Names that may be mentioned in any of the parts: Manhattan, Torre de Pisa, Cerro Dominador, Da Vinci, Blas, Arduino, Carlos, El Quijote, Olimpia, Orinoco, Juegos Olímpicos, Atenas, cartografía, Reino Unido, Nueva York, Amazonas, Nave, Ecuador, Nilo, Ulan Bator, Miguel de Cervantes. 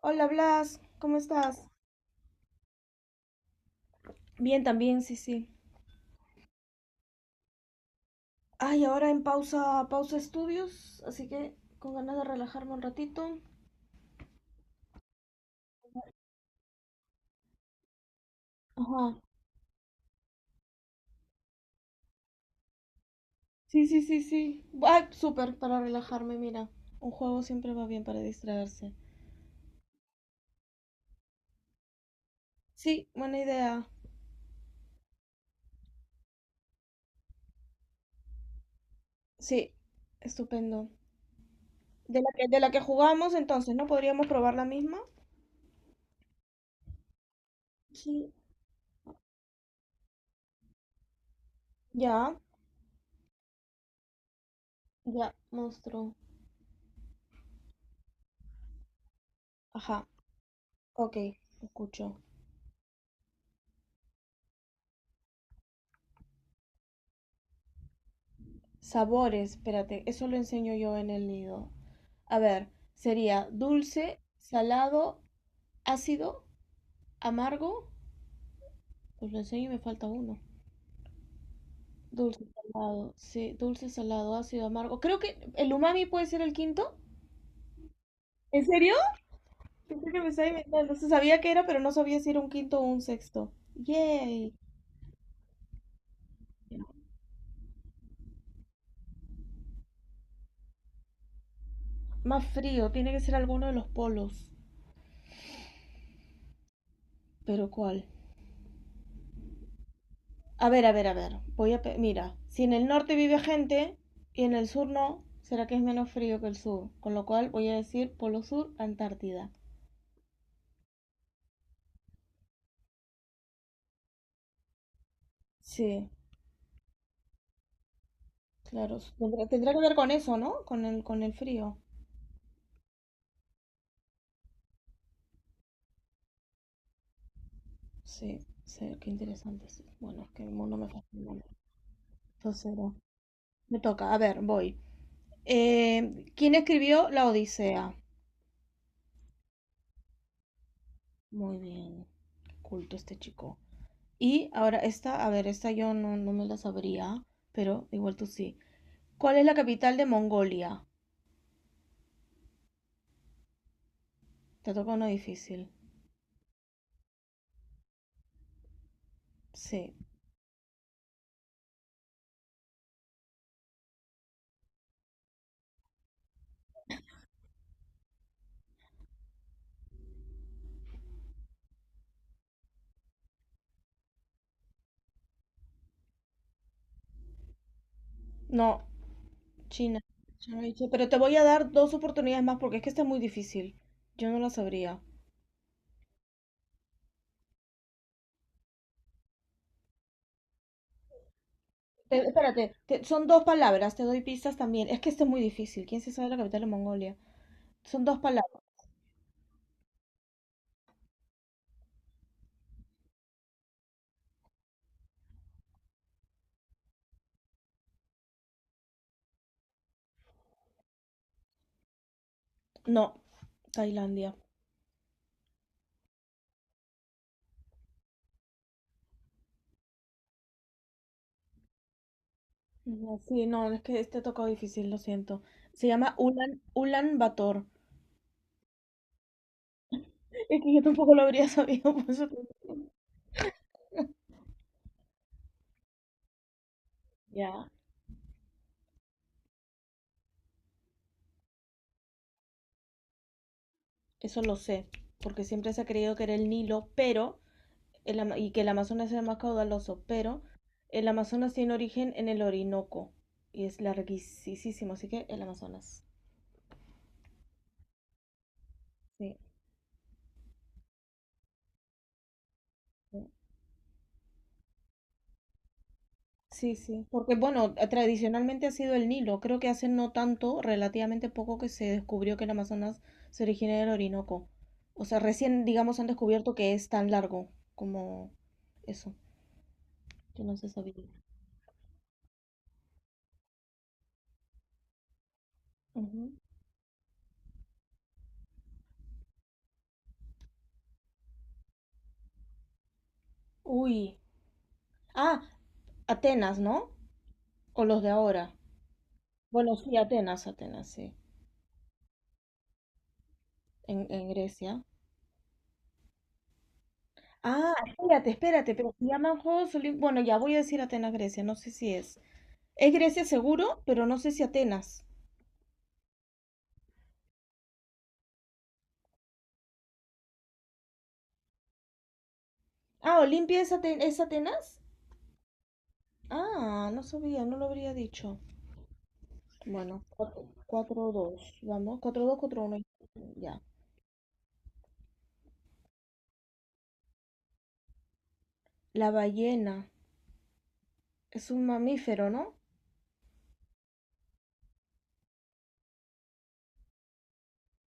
Hola Blas, ¿cómo estás? Bien, también, sí, sí. Ay, ahora en pausa, pausa estudios, así que con ganas de relajarme un ratito. Ajá. Sí, sí, sí, sí. Ay, súper, para relajarme, mira. Un juego siempre va bien para distraerse. Sí, buena idea. Sí, estupendo. De la que jugamos entonces, ¿no? ¿Podríamos probar la misma? Sí. Ya, ya, monstruo. Ajá, ok, escucho. Sabores, espérate, eso lo enseño yo en el nido. A ver, sería dulce, salado, ácido, amargo. Os lo enseño y me falta uno. Dulce, salado, sí, dulce, salado, ácido, amargo. Creo que el umami puede ser el quinto. ¿En serio? Pensé que me estaba inventando. Se sabía que era, pero no sabía si era un quinto o un sexto. Yay. Más frío, tiene que ser alguno de los polos. ¿Pero cuál? A ver, a ver, a ver. Mira, si en el norte vive gente y en el sur no, será que es menos frío que el sur. Con lo cual voy a decir Polo Sur, Antártida. Sí, claro. Tendrá que ver con eso, ¿no? Con el frío. Sí, sí, qué interesante. Sí. Bueno, es que el mundo me fascina. Entonces, cero. Me toca. A ver, voy. ¿Quién escribió La Odisea? Muy bien. Qué culto este chico. Y ahora esta, a ver, esta yo no, no me la sabría, pero igual tú sí. ¿Cuál es la capital de Mongolia? Te toca uno difícil. Sí. No, China. Ya lo hice, pero te voy a dar dos oportunidades más porque es que está muy difícil. Yo no la sabría. Espérate, son dos palabras, te doy pistas también. Es que está muy difícil. ¿Quién se sabe la capital de Mongolia? Son dos palabras. No, Tailandia. No, sí, no, es que este tocó difícil, lo siento. Se llama Ulan Bator. Es que yo tampoco lo habría sabido, por eso te- Ya, eso lo sé, porque siempre se ha creído que era el Nilo, pero y que el Amazonas sea más caudaloso, pero el Amazonas tiene origen en el Orinoco y es larguísimo, así que el Amazonas. Sí, sí, sí, sí, porque bueno, tradicionalmente ha sido el Nilo, creo que hace no tanto, relativamente poco que se descubrió que el Amazonas se origina del Orinoco. O sea, recién, digamos, han descubierto que es tan largo como eso, que no se sabía. Ujú. Uy, ah, Atenas, ¿no? O los de ahora. Bueno, sí, Atenas, Atenas, sí. En Grecia. Ah, espérate, espérate, pero se llaman Juegos Olímpicos. Bueno, ya voy a decir Atenas, Grecia, no sé si es. Es Grecia seguro, pero no sé si Atenas. Ah, Olimpia es, es Atenas. Ah, no sabía, no lo habría dicho. Bueno, cuatro dos vamos, cuatro dos cuatro uno ya. La ballena es un mamífero, ¿no?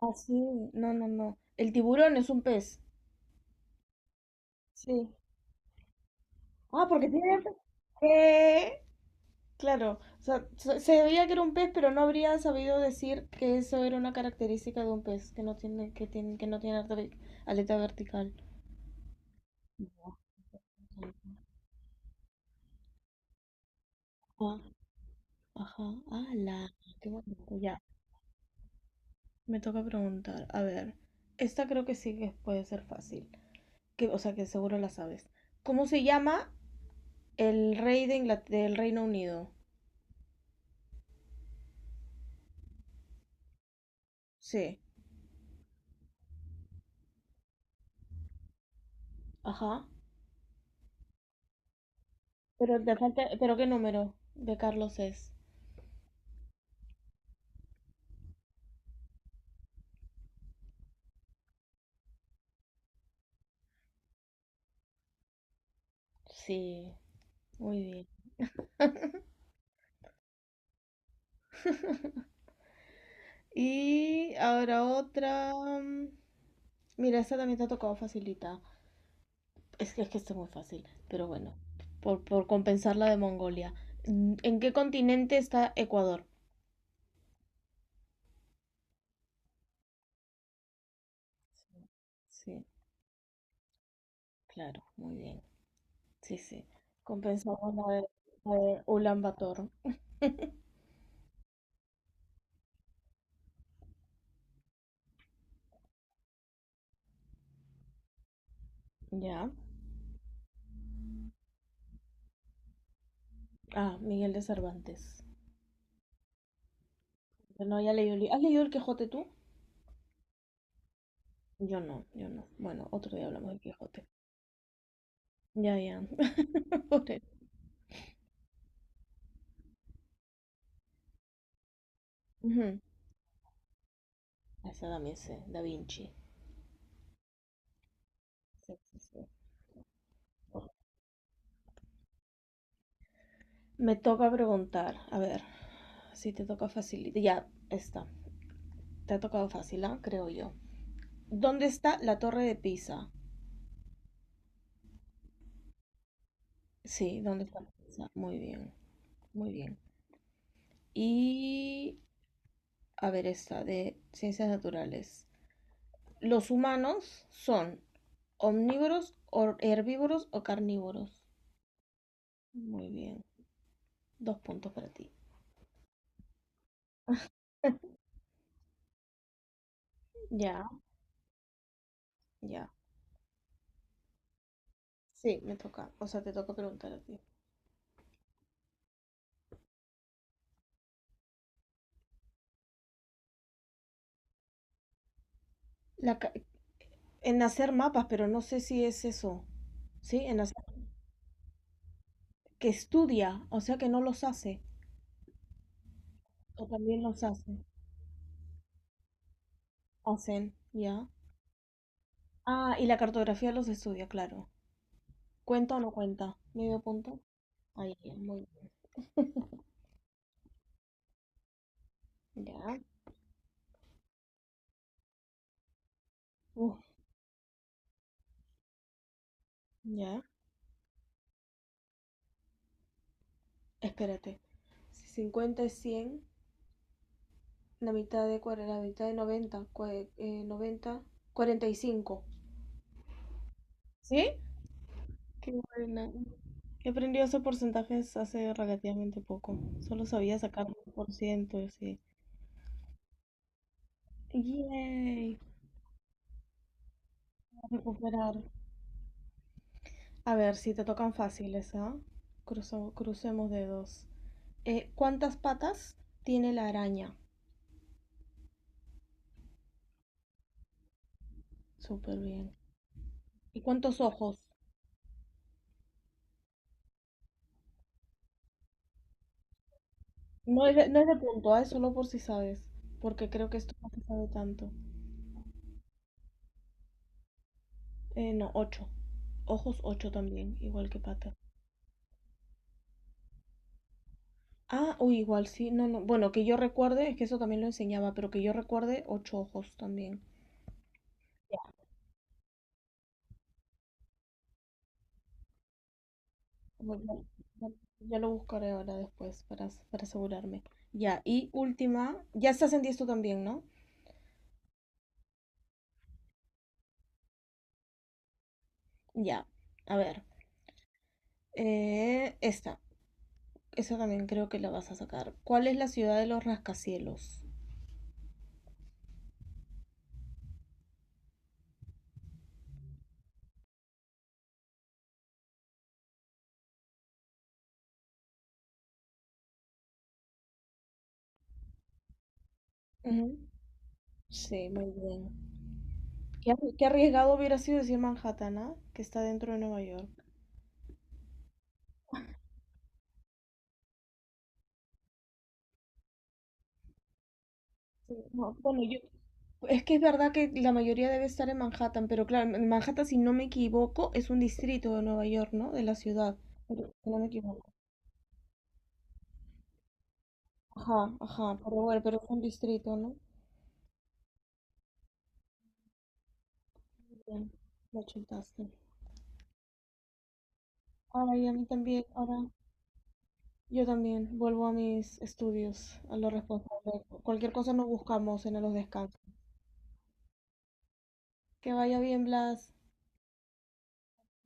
Ah, sí, no, no, no. El tiburón es un pez. Sí. Ah, porque tiene... ¿Qué? Claro, o sea, se veía que era un pez, pero no habría sabido decir que eso era una característica de un pez, que no tiene aleta vertical. Ah, ajá, ala, qué bonito. Ya, me toca preguntar. A ver, esta creo que sí que puede ser fácil. Que, o sea, que seguro la sabes. ¿Cómo se llama el rey de del Reino Unido? Sí, ajá. Pero te falta, pero ¿qué número de Carlos es? Sí, muy bien. Y ahora otra. mm, Mira, esta también te ha tocado facilita. Es que esta es muy fácil, pero bueno, por compensar la de Mongolia. ¿En qué continente está Ecuador? Sí, claro, muy bien. Sí, sí. Compensamos la de Ulan Bator. Ya. Ah, Miguel de Cervantes. Yo no, ya leí. ¿Has leído El Quijote tú? Yo no, yo no. Bueno, otro día hablamos del Quijote. Ya, ya. Pobre. Ujú. Esa también sé, Da Vinci. Sí, sí, sí. Me toca preguntar, a ver, si te toca fácil. Ya está, te ha tocado fácil, ¿ah? Creo yo. ¿Dónde está la Torre de Pisa? Sí, ¿dónde está la Pisa? Muy bien, muy bien. Y, a ver, esta de ciencias naturales. ¿Los humanos son omnívoros, herbívoros o carnívoros? Muy bien, dos puntos para ti. Ya, ya. Sí, me toca, o sea, te toca preguntar a ti. La, ca- En hacer mapas, pero no sé si es eso. Sí, en hacer, que estudia, o sea que no los hace, o también los hace. Hacen, ya. Ah, y la cartografía los estudia, claro. ¿Cuenta o no cuenta? Medio punto. Ahí, ya, muy bien. Ya. Uf, ya. Espérate. Si 50 es cien, la mitad de cuál, la mitad de noventa, noventa, 45. ¿Sí? Qué buena. He aprendido esos porcentajes hace relativamente poco. Solo sabía sacar un por ciento, así. ¡Yay! A recuperar. A ver, si te tocan fáciles, ¿ah? Crucemos dedos. ¿Cuántas patas tiene la araña? Súper bien. ¿Y cuántos ojos? No es de, no es de punto, ¿ah? Es solo por si sabes. Porque creo que esto no se sabe tanto. No, ocho. Ojos ocho también, igual que patas. Ah, uy, igual sí, no, no. Bueno, que yo recuerde, es que eso también lo enseñaba, pero que yo recuerde, ocho ojos también. Ya. Bu- bu- Ya lo buscaré ahora después para asegurarme. Ya, y última, ya estás en 10 tú también, ¿no? Ya, a ver. Esta, esa también creo que la vas a sacar. ¿Cuál es la ciudad de los rascacielos? Ujú. Sí, muy bien. Qué, qué arriesgado hubiera sido decir Manhattan, ¿ah? Que está dentro de Nueva York. Sí, no, bueno, yo, es que es verdad que la mayoría debe estar en Manhattan, pero claro, en Manhattan, si no me equivoco, es un distrito de Nueva York, ¿no? De la ciudad, pero- si no me equivoco. Ajá, ajá, pero bueno, pero es un distrito, ¿no? Bien, lo chuntaste. Ay, a mí también, ahora yo también vuelvo a mis estudios, a lo responsable. Cualquier cosa nos buscamos en los descansos. Que vaya bien, Blas.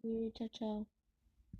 Y chao, chao.